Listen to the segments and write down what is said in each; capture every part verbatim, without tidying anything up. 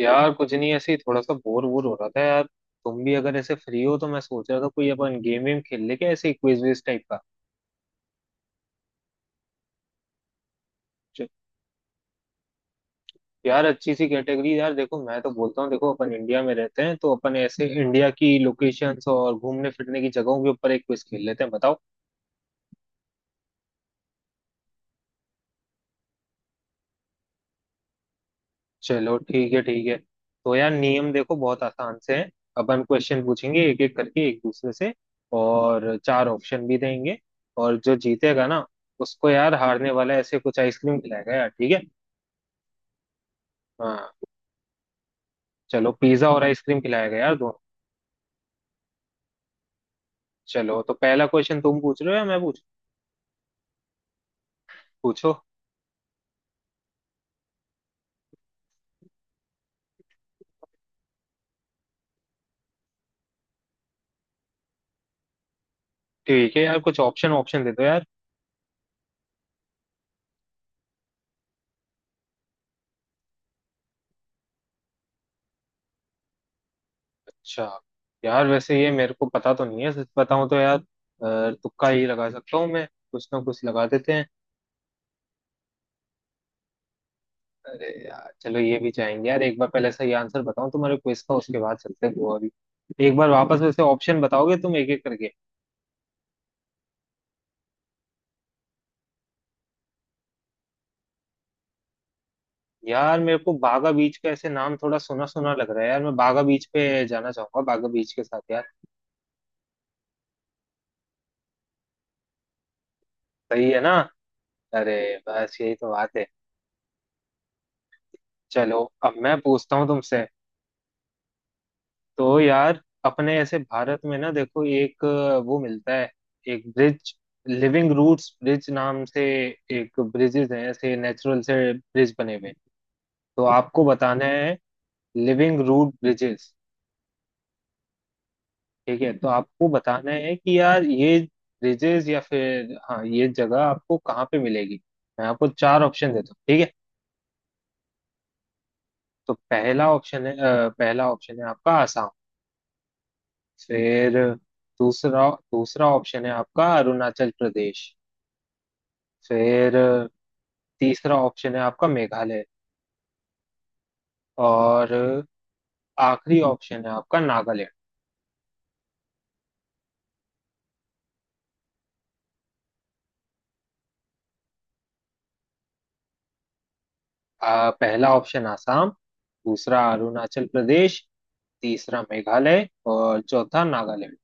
यार कुछ नहीं, ऐसे ही थोड़ा सा बोर वोर हो रहा था यार। तुम भी अगर ऐसे फ्री हो तो मैं सोच रहा था कोई अपन गेम वेम खेल ले, क्या, ऐसे क्विज विज टाइप का। च- यार अच्छी सी कैटेगरी, यार देखो, मैं तो बोलता हूँ, देखो अपन इंडिया में रहते हैं तो अपन ऐसे इंडिया की लोकेशंस और घूमने फिरने की जगहों के ऊपर एक क्विज खेल लेते हैं, बताओ। चलो ठीक है ठीक है। तो यार नियम देखो, बहुत आसान से है अपन क्वेश्चन पूछेंगे एक एक करके एक दूसरे से, और चार ऑप्शन भी देंगे। और जो जीतेगा ना, उसको यार हारने वाला ऐसे कुछ आइसक्रीम खिलाएगा यार, ठीक है। हाँ। चलो पिज्जा और आइसक्रीम खिलाया गया यार दोनों। चलो तो पहला क्वेश्चन तुम पूछ रहे हो या मैं पूछ पूछो। ठीक है यार, कुछ ऑप्शन ऑप्शन दे दो यार। अच्छा। यार वैसे ये मेरे को पता तो नहीं है, सच बताऊं तो यार अ, तुक्का ही लगा सकता हूँ मैं। कुछ ना कुछ लगा देते हैं। अरे यार चलो, ये भी जाएंगे यार एक बार, पहले सही आंसर बताऊं तुम्हारे क्विज का, उसके बाद चलते हैं गोवा भी। एक बार वापस वैसे ऑप्शन बताओगे तुम एक एक करके। यार मेरे को बागा बीच का ऐसे नाम थोड़ा सुना सुना लग रहा है यार, मैं बागा बीच पे जाना चाहूंगा, बागा बीच के साथ यार। सही है ना। अरे, बस यही तो बात है। चलो अब मैं पूछता हूँ तुमसे। तो यार अपने ऐसे भारत में ना, देखो एक अ, वो मिलता है, एक ब्रिज, लिविंग रूट्स ब्रिज नाम से। एक ब्रिजेज हैं ऐसे, नेचुरल से ब्रिज बने हुए। तो आपको बताना है। Living root bridges. ठीक है तो आपको बताना है कि यार ये ब्रिजेस या फिर हाँ ये जगह आपको कहाँ पे मिलेगी। मैं आपको चार ऑप्शन देता हूँ, ठीक है। तो पहला ऑप्शन है अ, पहला ऑप्शन है आपका आसाम। फिर दूसरा दूसरा ऑप्शन है आपका अरुणाचल प्रदेश। फिर तीसरा ऑप्शन है आपका मेघालय। और आखिरी ऑप्शन है आपका नागालैंड। आ, पहला ऑप्शन आसाम, दूसरा अरुणाचल प्रदेश, तीसरा मेघालय और चौथा नागालैंड।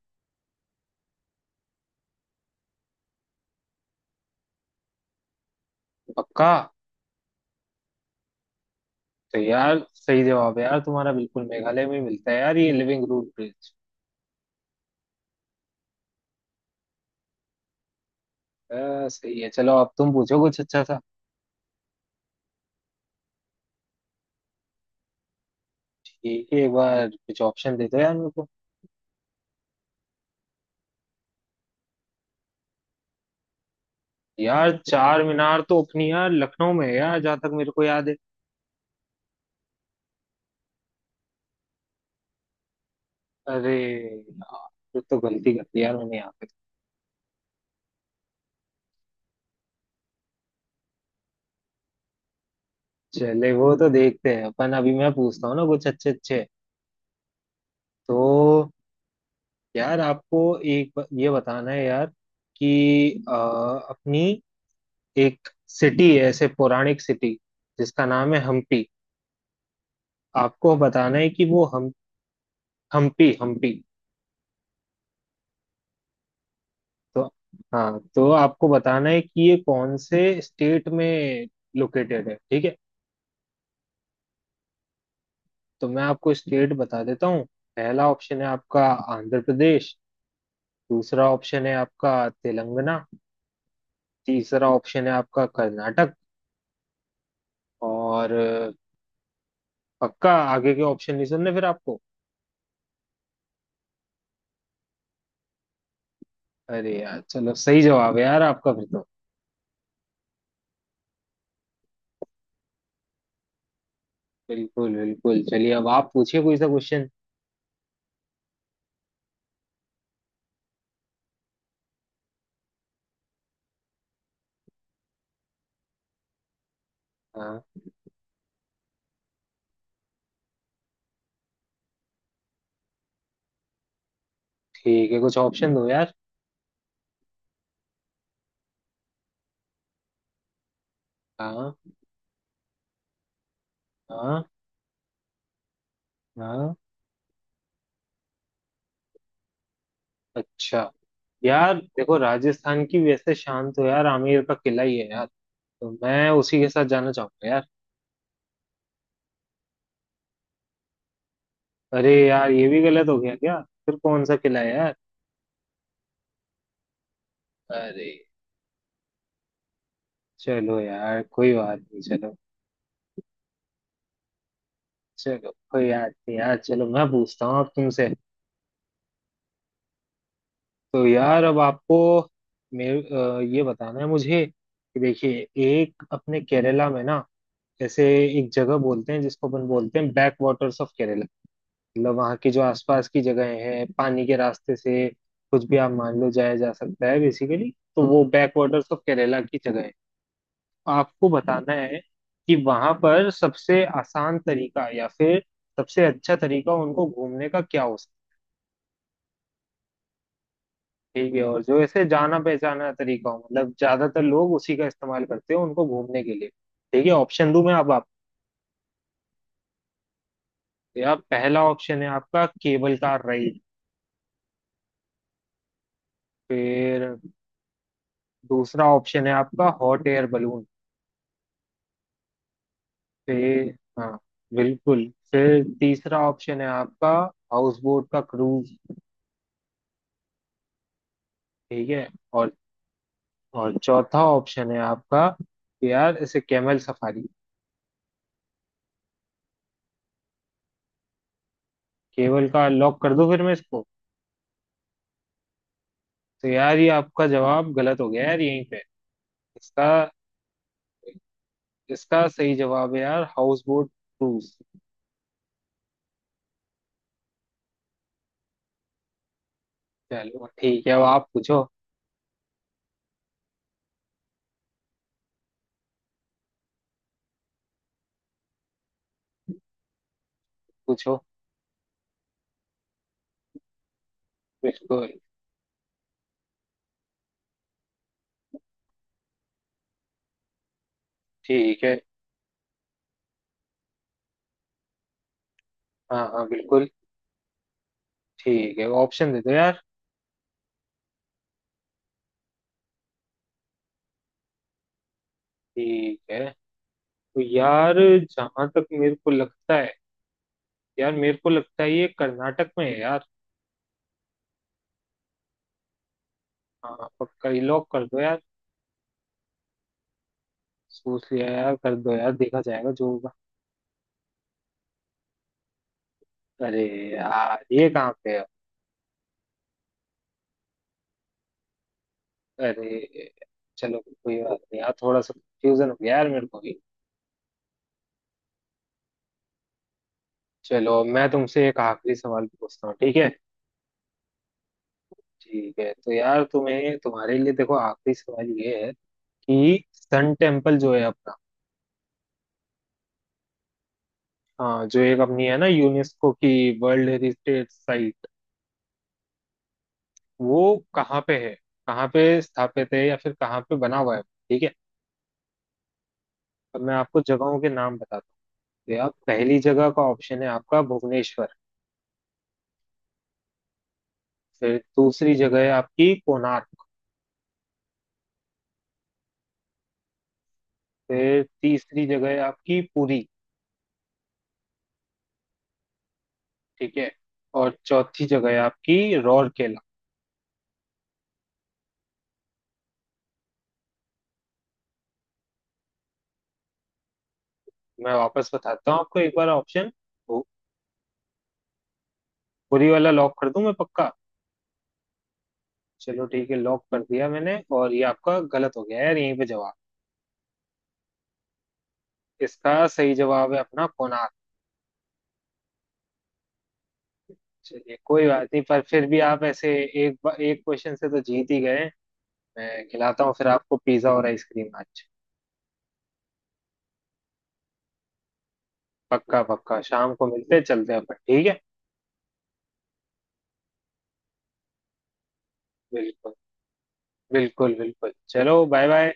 पक्का। तो यार सही जवाब है यार तुम्हारा, बिल्कुल मेघालय में मिलता है यार ये लिविंग रूट ब्रिज। सही है, चलो अब तुम पूछो कुछ अच्छा सा। ठीक है, एक बार कुछ ऑप्शन दे दो यार मेरे को। यार चार मीनार तो अपनी यार लखनऊ में है यार, जहां तक मेरे को याद है। अरे यार, ये तो गलती कर दी यार मैंने यहाँ पे। चले वो तो देखते हैं अपन, अभी मैं पूछता हूँ ना कुछ अच्छे अच्छे। तो यार आपको एक ब- ये बताना है यार, कि अ, अपनी एक सिटी है ऐसे पौराणिक सिटी, जिसका नाम है हम्पी। आपको बताना है कि वो हम। हम्पी हम्पी। तो हाँ तो आपको बताना है कि ये कौन से स्टेट में लोकेटेड है, ठीक है। तो मैं आपको स्टेट बता देता हूँ। पहला ऑप्शन है आपका आंध्र प्रदेश। दूसरा ऑप्शन है आपका तेलंगाना। तीसरा ऑप्शन है आपका कर्नाटक। और अ, पक्का, आगे के ऑप्शन नहीं सुनने फिर आपको। अरे यार चलो, सही जवाब है यार आपका फिर तो। बिल्कुल बिल्कुल, चलिए अब आप पूछिए कोई सा क्वेश्चन। हाँ। ठीक है, कुछ ऑप्शन दो यार। हाँ हाँ हाँ। अच्छा। यार देखो राजस्थान की वैसे शान तो यार आमेर का किला ही है यार, तो मैं उसी के साथ जाना चाहूंगा यार। अरे यार ये भी गलत हो गया क्या। फिर कौन सा किला यार। अरे। चलो यार कोई बात नहीं, चलो। चलो कोई बात नहीं यार, चलो मैं पूछता हूँ अब तुमसे। तो यार अब आपको मेरे अ, ये बताना है मुझे कि देखिए, एक अपने केरला में ना, जैसे एक जगह बोलते हैं जिसको अपन बोलते हैं बैक वाटर्स ऑफ केरला। मतलब वहाँ की जो आसपास की जगहें हैं, पानी के रास्ते से कुछ भी आप मान लो जाया जा सकता है बेसिकली। तो वो बैक वाटर्स ऑफ केरला की जगह है। आपको बताना है कि वहां पर सबसे आसान तरीका, या फिर सबसे अच्छा तरीका उनको घूमने का क्या हो सकता है। ठीक है, और जो ऐसे जाना पहचाना तरीका हो, मतलब ज्यादातर लोग उसी का इस्तेमाल करते हैं उनको घूमने के लिए। ठीक है, ऑप्शन दूं मैं अब आपको। या पहला ऑप्शन है आपका केबल कार राइड। फिर दूसरा ऑप्शन है आपका हॉट एयर बलून। फिर हाँ, बिल्कुल, फिर तीसरा ऑप्शन है आपका हाउस बोट का क्रूज, ठीक है। और और चौथा ऑप्शन है आपका कि यार इसे कैमल सफारी। केवल का लॉक कर दो फिर मैं इसको। तो यार ये आपका जवाब गलत हो गया यार यहीं पे। इसका, इसका सही जवाब है यार हाउस बोट क्रूज। चलो ठीक है, अब आप पूछो। पूछो। बिल्कुल। ठीक है। हाँ हाँ, बिल्कुल। ठीक है, ऑप्शन दे दो यार। ठीक है। तो यार जहां तक मेरे को लगता है, यार मेरे को लगता है ये कर्नाटक में है यार। हाँ पक्का, ये लॉक कर दो यार। सोच लिया यार, कर दो यार, देखा जाएगा जो होगा। अरे यार, ये कहाँ पे है। अरे, चलो कोई बात नहीं यार, थोड़ा सा कंफ्यूजन हो गया यार मेरे को भी। चलो मैं तुमसे एक आखिरी सवाल पूछता हूँ, ठीक है। ठीक है तो यार तुम्हें, तुम्हारे लिए देखो आखिरी सवाल ये है कि सन टेम्पल जो है अपना। हाँ जो एक अपनी है ना यूनेस्को की वर्ल्ड हेरिटेज साइट। वो कहाँ पे है, कहाँ पे स्थापित है या फिर कहाँ पे बना हुआ है, ठीक है। अब मैं आपको जगहों के नाम बताता हूँ। भैया पहली जगह का ऑप्शन है आपका भुवनेश्वर। फिर दूसरी जगह है आपकी कोणार्क। फिर तीसरी जगह है आपकी पुरी, ठीक है। और चौथी जगह है आपकी राउरकेला। मैं वापस बताता हूँ आपको एक बार ऑप्शन। वो पुरी वाला लॉक कर दूं मैं, पक्का। चलो ठीक है लॉक कर दिया मैंने, और ये आपका गलत हो गया यार यहीं पे जवाब। इसका सही जवाब है अपना कोणार्क। चलिए कोई बात नहीं, पर फिर भी आप ऐसे एक एक क्वेश्चन से तो जीत ही गए, मैं खिलाता हूँ फिर आपको पिज्जा और आइसक्रीम आज। पक्का पक्का, शाम को मिलते हैं, चलते हैं अपन, ठीक है। बिल्कुल बिल्कुल बिल्कुल, चलो बाय बाय।